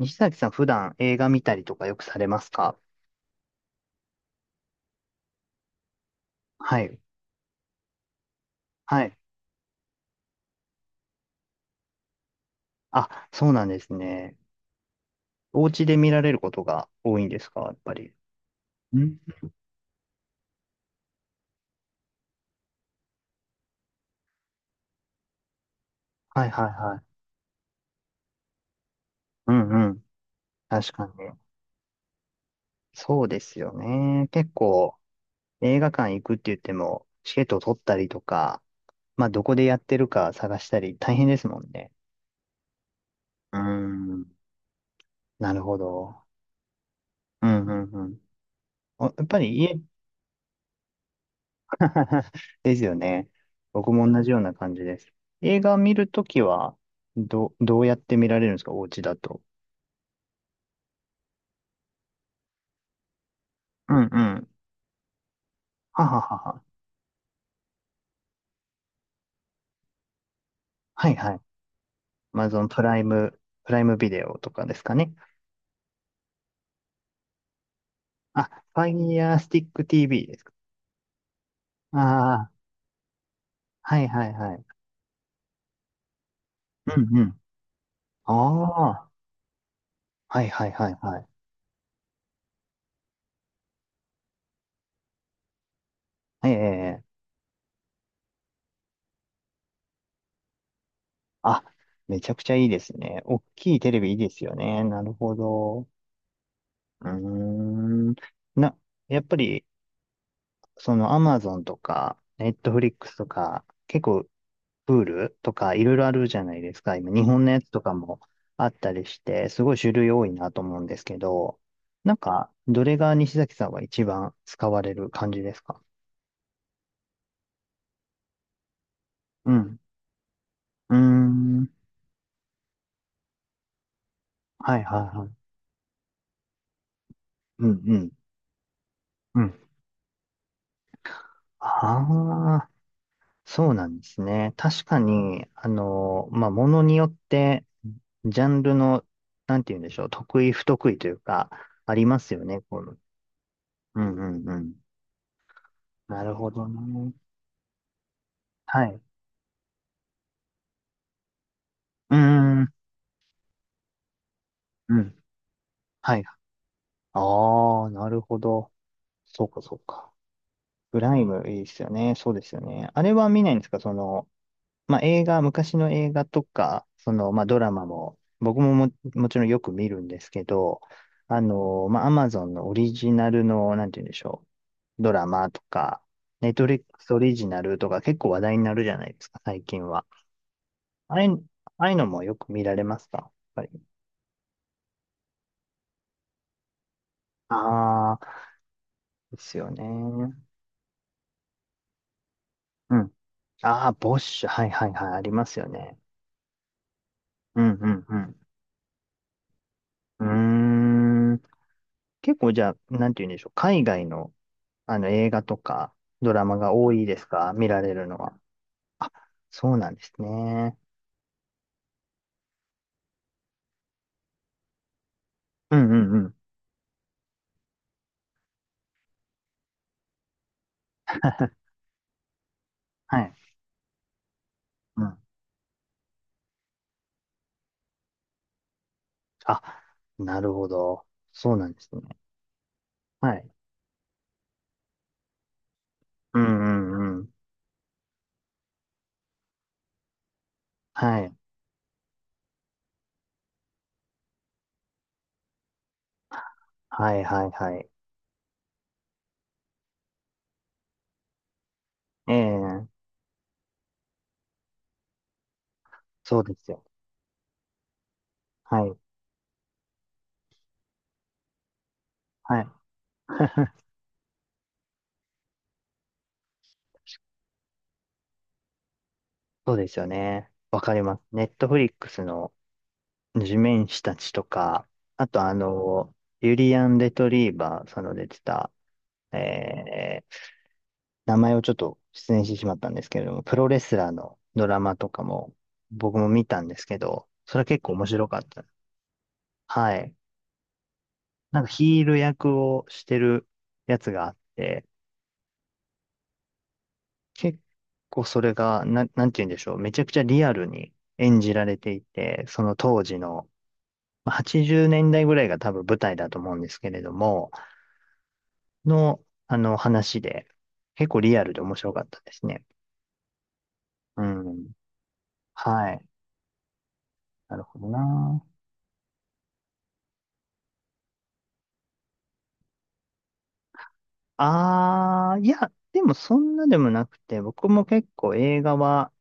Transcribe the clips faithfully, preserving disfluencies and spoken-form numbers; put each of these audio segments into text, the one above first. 西崎さん、普段映画見たりとかよくされますか。はい。はい。あ、そうなんですね。お家で見られることが多いんですかやっぱり。うん。はいはいはい。うんうん。確かにね。そうですよね。結構映画館行くって言っても、チケットを取ったりとか、まあどこでやってるか探したり大変ですもんね。うーん。なるほど。うんうんうん。おやっぱり家、ですよね。僕も同じような感じです。映画見るときは、ど、どうやって見られるんですかお家だと。うんうん。はははは。はいはい。Amazon プライム、プライムビデオとかですかね。あ、Fire Stick ティーブイ ですか。ああー、はいはいはい。うんうん。ああ、はいはいはいはい。ええ、あ、めちゃくちゃいいですね。大きいテレビいいですよね。なるほど。うーん。な、やっぱりそのアマゾンとか、ネットフリックスとか、結構、プールとかいろいろあるじゃないですか。今、日本のやつとかもあったりして、すごい種類多いなと思うんですけど、なんか、どれが西崎さんは一番使われる感じですか。うん。うーん。はいはいはい。うんうん。うん。ああ、そうなんですね。確かに、あの、まあ、ものによって、ジャンルの、なんて言うんでしょう、得意不得意というか、ありますよね。こうんうんうん。なるほどね。はい。うーん、うん。はい。ああ、なるほど。そうか、そうか。プライムいいですよね。そうですよね。あれは見ないんですかその、まあ、映画、昔の映画とか、その、まあ、ドラマも、僕もも、もちろんよく見るんですけど、あの、まあ、アマゾンのオリジナルの、なんて言うんでしょう。ドラマとか、ネットフリックスオリジナルとか結構話題になるじゃないですか、最近は。ああいう、ああいうのもよく見られますかやっぱり。ああ、ですよね。うん。ああ、ボッシュ。はいはいはい。ありますよね。うんうんうん。うーん。結構じゃあ、なんて言うんでしょう。海外の、あの映画とかドラマが多いですか見られるのは。あ、そうなんですね。うんうんうん。はい。うん。あ、なるほど。そうなんですね。はい。うんうんうん。はい。はいはいはい。ええ、そうですよ。はい。はい。そうですよね。わかります。ネットフリックスの地面師たちとか、あとあの、ユリアン・レトリーバー、その出てた、えー、名前をちょっと失念してしまったんですけれども、プロレスラーのドラマとかも僕も見たんですけど、それは結構面白かった。はい。なんかヒール役をしてるやつがあって、結構それが、な、なんて言うんでしょう。めちゃくちゃリアルに演じられていて、その当時の、はちじゅうねんだいぐらいが多分舞台だと思うんですけれども、の、あの話で、結構リアルで面白かったですね。うん。はい。なるほどな。ああ、いや、でもそんなでもなくて、僕も結構映画は、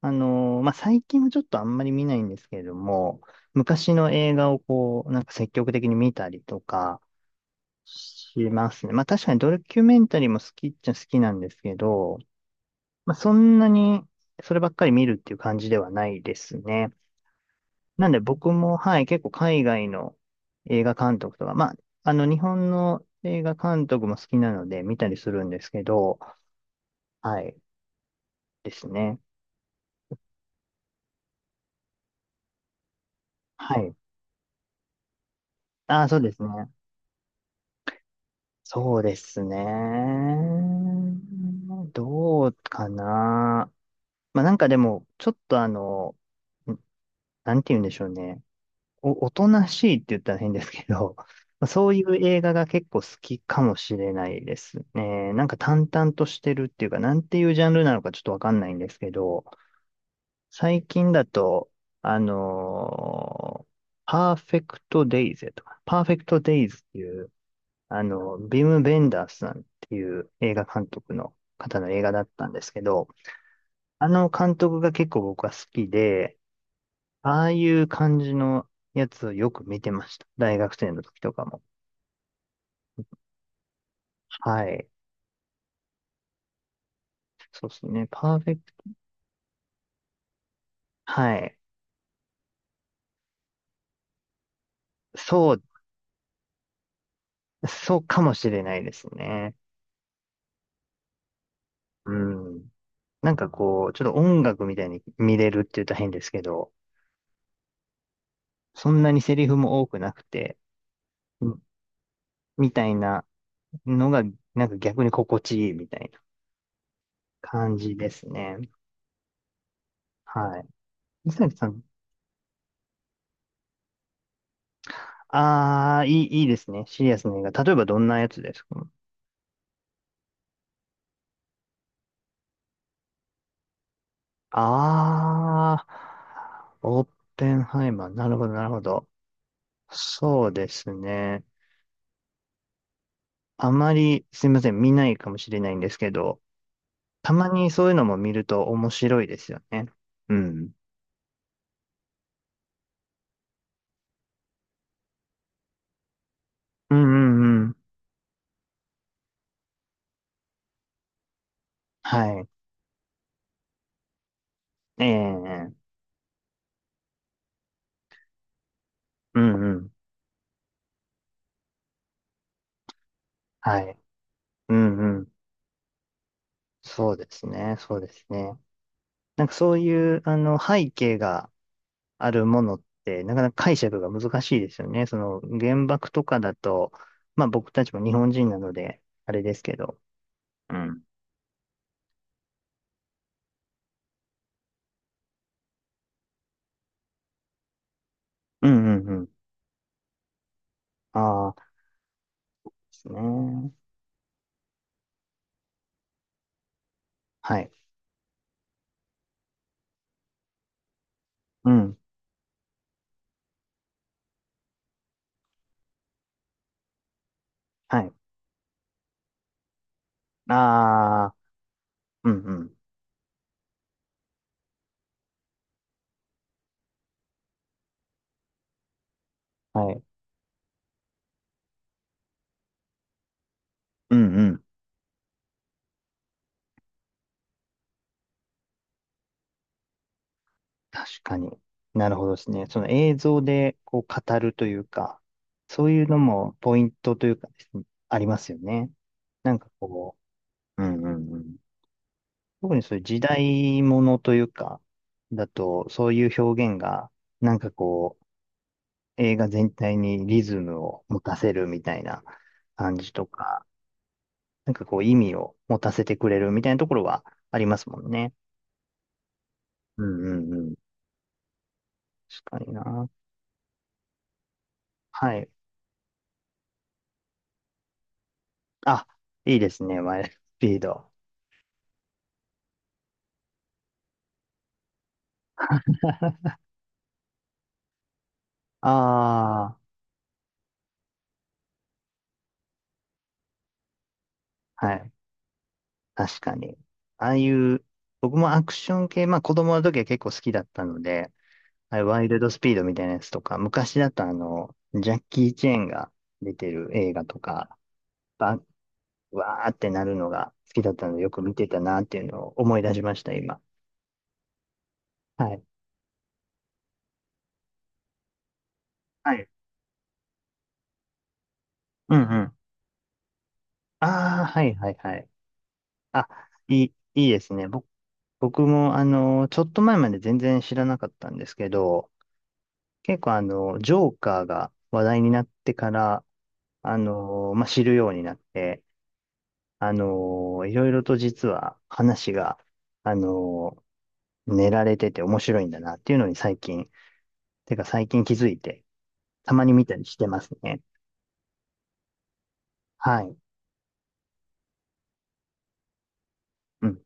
あのーまあ、最近はちょっとあんまり見ないんですけれども、昔の映画をこう、なんか積極的に見たりとかしますね。まあ確かにドキュメンタリーも好きっちゃ好きなんですけど、まあ、そんなにそればっかり見るっていう感じではないですね。なんで僕も、はい、結構海外の映画監督とか、まあ、あの、日本の映画監督も好きなので見たりするんですけど、はい、ですね。はい。ああ、そうですね。そうですね。どうかな。まあ、なんかでも、ちょっとあの、んなんて言うんでしょうね。お、おとなしいって言ったら変ですけど、まあそういう映画が結構好きかもしれないですね。なんか淡々としてるっていうか、なんていうジャンルなのかちょっとわかんないんですけど、最近だと、あのパーフェクトデイズとか、パーフェクトデイズっていう、あの、ビム・ベンダースさんっていう映画監督の方の映画だったんですけど、あの監督が結構僕は好きで、ああいう感じのやつをよく見てました。大学生の時とかも。はい。そうですね。パーフェクト。はい。そう、そうかもしれないですね。うん。なんかこう、ちょっと音楽みたいに見れるって言ったら変ですけど、そんなにセリフも多くなくて、うんみたいなのが、なんか逆に心地いいみたいな感じですね。はい。水谷さん、ああ、いい、いいですね。シリアスな映画。例えばどんなやつですか。ああ、オッペンハイマー。なるほど、なるほど。そうですね。あまり、すいません、見ないかもしれないんですけど、たまにそういうのも見ると面白いですよね。うん。うんうんうん。はい。ええ。うんうん。はい。うんうん。そうですね、そうですね。なんかそういう、あの、背景があるものって、なかなか解釈が難しいですよね。その原爆とかだと、まあ僕たちも日本人なので、あれですけど。うん。うんうんうん。ああ、ですね。はい。うん。はい。ああ、うんうん。はい。うんうん。確かに。なるほどですね。その映像でこう語るというか、そういうのもポイントというかですね、ありますよね。なんかこう。うんうんうん。特にそういう時代ものというか、だと、そういう表現が、なんかこう、映画全体にリズムを持たせるみたいな感じとか、なんかこう、意味を持たせてくれるみたいなところはありますもんね。うんうんうん。確かにな。はい。あ、いいですね、マイルドスピード。ああ、はい。確かに。ああいう、僕もアクション系、まあ子供の時は結構好きだったので、はい、ワイルドスピードみたいなやつとか、昔だとあの、ジャッキー・チェーンが出てる映画とか、バわーってなるのが好きだったので、よく見てたなっていうのを思い出しました、今。はい。はい。うんうん。ああ、はいはいはい。あ、いい、いいですね。ぼ、僕もあの、ちょっと前まで全然知らなかったんですけど、結構あの、ジョーカーが話題になってから、あの、まあ、知るようになって、あのーいろいろと実は話が、あのー練られてて面白いんだなっていうのに最近、てか最近気づいて、たまに見たりしてますね。はい。うん